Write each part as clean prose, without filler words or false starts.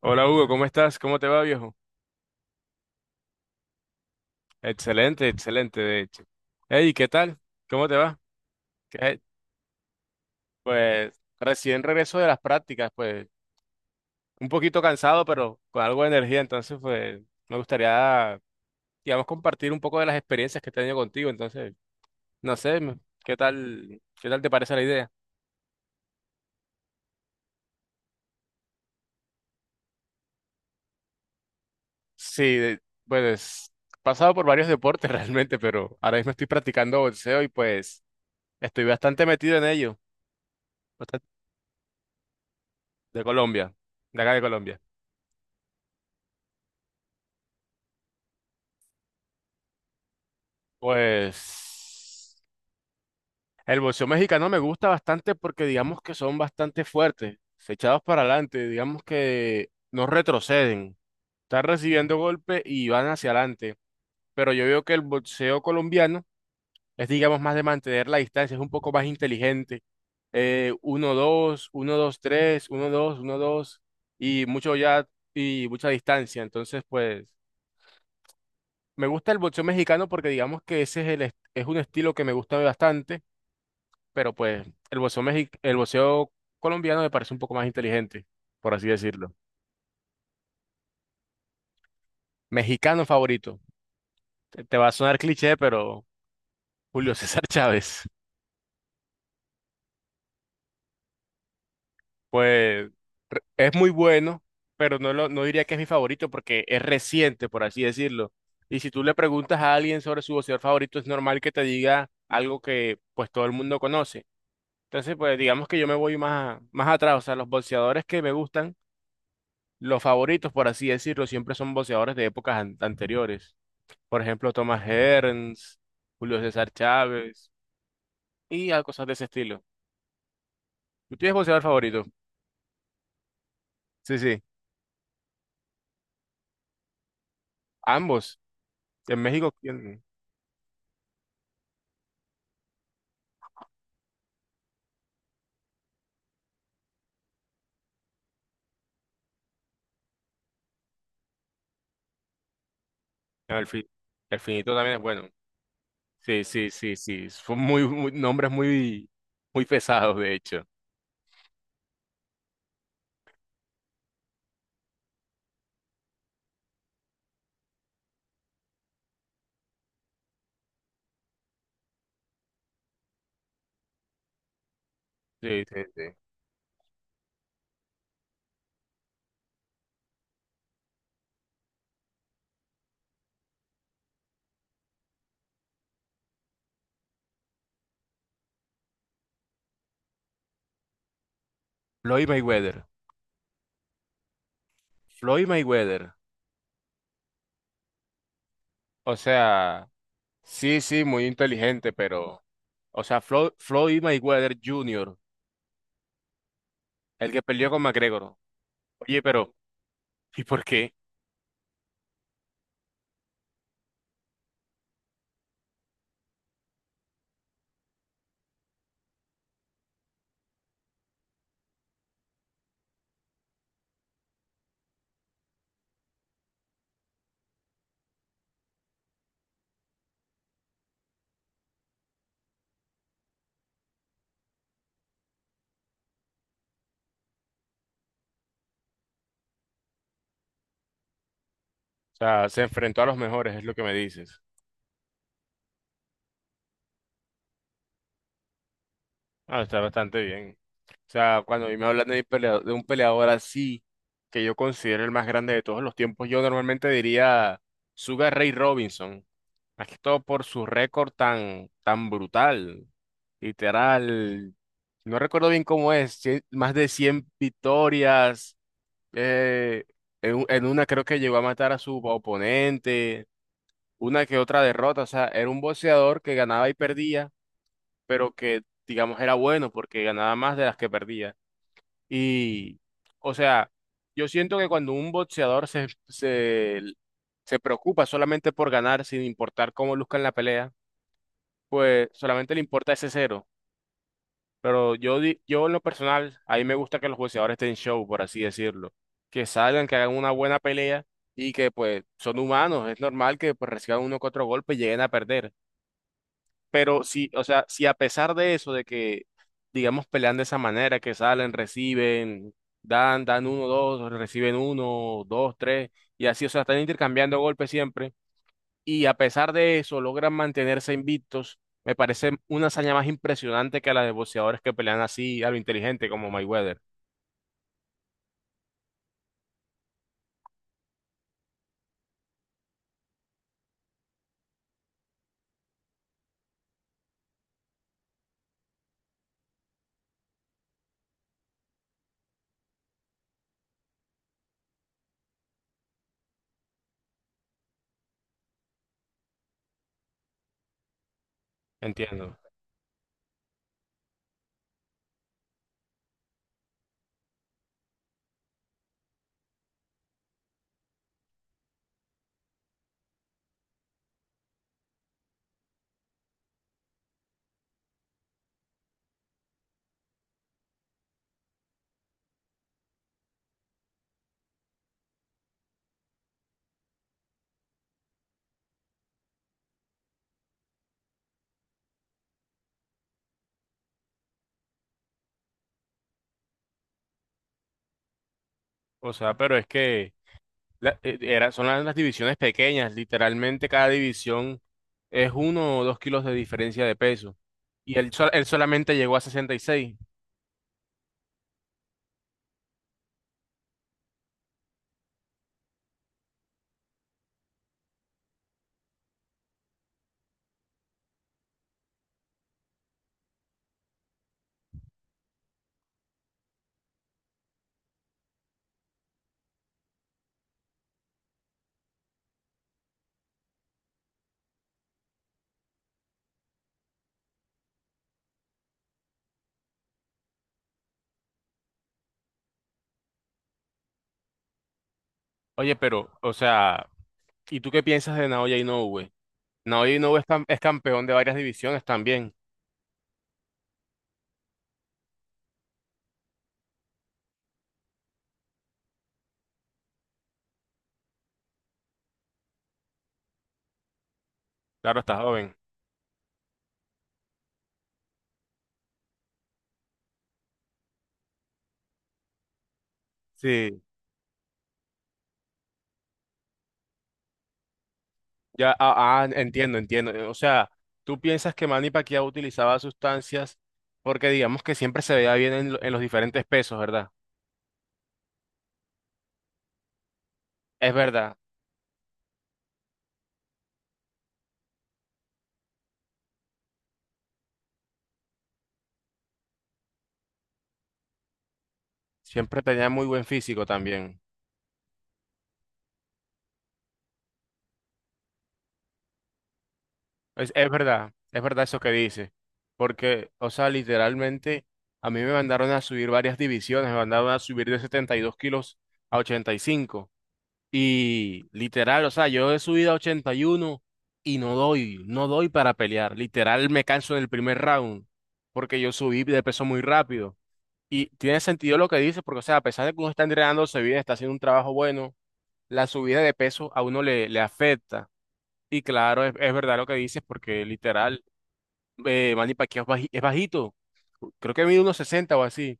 Hola Hugo, ¿cómo estás? ¿Cómo te va, viejo? Excelente, excelente, de hecho. Hey, ¿qué tal? ¿Cómo te va? ¿Qué- Pues recién regreso de las prácticas, pues un poquito cansado, pero con algo de energía, entonces pues me gustaría, digamos, compartir un poco de las experiencias que he tenido contigo, entonces, no sé, qué tal te parece la idea? Sí, pues he pasado por varios deportes realmente, pero ahora mismo estoy practicando boxeo y pues estoy bastante metido en ello, bastante- de Colombia, de acá de Colombia. Pues el boxeo mexicano me gusta bastante porque digamos que son bastante fuertes, se echados para adelante, digamos que no retroceden, están recibiendo golpes y van hacia adelante. Pero yo veo que el boxeo colombiano es digamos más de mantener la distancia, es un poco más inteligente. 1-2, 1-2-3, 1-2, 1-2 y mucho ya y mucha distancia. Entonces, pues me gusta el boxeo mexicano porque digamos que ese es es un estilo que me gusta bastante, pero pues el boxeo, el boxeo colombiano me parece un poco más inteligente, por así decirlo. Mexicano favorito. Te va a sonar cliché, pero Julio César Chávez, pues es muy bueno, pero no diría que es mi favorito porque es reciente, por así decirlo. Y si tú le preguntas a alguien sobre su boxeador favorito, es normal que te diga algo que pues todo el mundo conoce. Entonces, pues digamos que yo me voy más, más atrás, o sea, los boxeadores que me gustan. Los favoritos, por así decirlo, siempre son boxeadores de épocas anteriores. Por ejemplo, Thomas Hearns, Julio César Chávez y a cosas de ese estilo. ¿Tú tienes boxeador favorito? Sí, sí. Ambos. En México, ¿quién? Ah, El, Fi- el Finito también es bueno. Sí, sí, sí, sí. Son nombres muy, muy pesados, de hecho. Sí, sí, sí. Floyd Mayweather. Floyd Mayweather. O sea, sí, sí, muy inteligente, pero... O sea, Floyd Mayweather Jr. El que perdió con McGregor. Oye, pero, ¿y por qué? O sea, se enfrentó a los mejores, es lo que me dices. Ah, está bastante bien. O sea, cuando a mí me hablan de, de un peleador así, que yo considero el más grande de todos los tiempos, yo normalmente diría Sugar Ray Robinson. Más que todo por su récord tan, tan brutal. Literal. No recuerdo bien cómo es. Más de 100 victorias. Eh, en, u- en una creo que llegó a matar a su oponente. Una que otra derrota. O sea, era un boxeador que ganaba y perdía, pero que, digamos, era bueno porque ganaba más de las que perdía. Y, o sea, yo siento que cuando un boxeador se preocupa solamente por ganar, sin importar cómo luzca en la pelea, pues solamente le importa ese cero. Pero yo, yo en lo personal, a mí me gusta que los boxeadores estén show, por así decirlo. Que salgan, que hagan una buena pelea y que pues son humanos. Es normal que pues reciban uno que otro golpe y lleguen a perder. Pero si, o sea, si a pesar de eso, de que, digamos, pelean de esa manera, que salen, reciben, dan uno, dos, reciben uno, dos, tres, y así, o sea, están intercambiando golpes siempre, y a pesar de eso logran mantenerse invictos, me parece una hazaña más impresionante que la de boxeadores que pelean así a lo inteligente, como Mayweather. Entiendo. O sea, pero es que... Son las divisiones pequeñas, literalmente cada división es uno o dos kilos de diferencia de peso. Y él solamente llegó a 66. Oye, pero, o sea, ¿y tú qué piensas de Naoya Inoue? Naoya Inoue es, es campeón de varias divisiones también. Claro, está joven. Sí, ya, ah, ah, entiendo, entiendo. O sea, ¿tú piensas que Manny Pacquiao utilizaba sustancias porque digamos que siempre se veía bien en los diferentes pesos, ¿verdad? Es verdad, siempre tenía muy buen físico también. Es verdad, es verdad eso que dice, porque, o sea, literalmente a mí me mandaron a subir varias divisiones, me mandaron a subir de 72 kilos a 85, y literal, o sea, yo he subido a 81 y no doy para pelear, literal me canso en el primer round porque yo subí de peso muy rápido, y tiene sentido lo que dice, porque, o sea, a pesar de que uno está entrenándose bien, está haciendo un trabajo bueno, la subida de peso a uno le afecta. Y claro, es verdad lo que dices, porque literal, Manny Pacquiao es es bajito. Creo que mide unos 60 o así.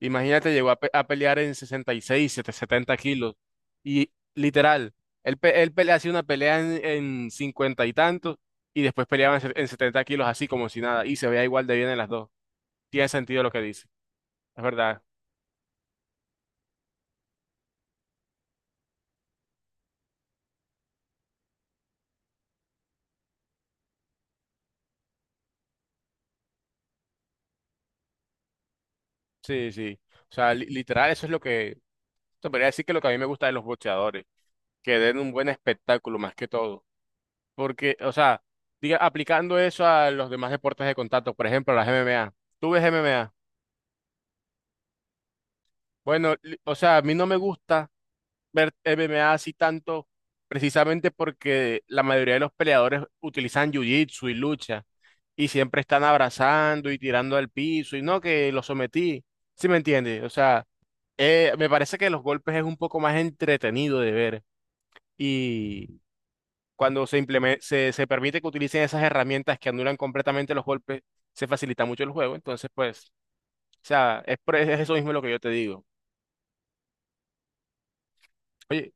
Imagínate, llegó a, a pelear en 66, 7 70 kilos. Y literal, él pelea, hacía una pelea en 50 y tantos y después peleaba en 70 kilos así como si nada. Y se veía igual de bien en las dos. Tiene sentido lo que dice. Es verdad. Sí, sí. O sea, literal, eso es lo que... Te podría decir que lo que a mí me gusta de los boxeadores, que den un buen espectáculo más que todo. Porque, o sea, aplicando eso a los demás deportes de contacto, por ejemplo, las MMA. ¿Tú ves MMA? Bueno, o sea, a mí no me gusta ver MMA así tanto, precisamente porque la mayoría de los peleadores utilizan jiu-jitsu y lucha, y siempre están abrazando y tirando al piso, y no, que lo sometí. ¿Sí me entiendes? O sea, me parece que los golpes es un poco más entretenido de ver cuando se permite que utilicen esas herramientas que anulan completamente los golpes, se facilita mucho el juego. Entonces, pues, o sea, es eso mismo lo que yo te digo. Oye,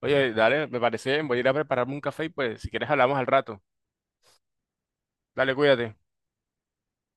oye, dale, me parece bien, voy a ir a prepararme un café y pues, si quieres hablamos al rato. Dale, cuídate.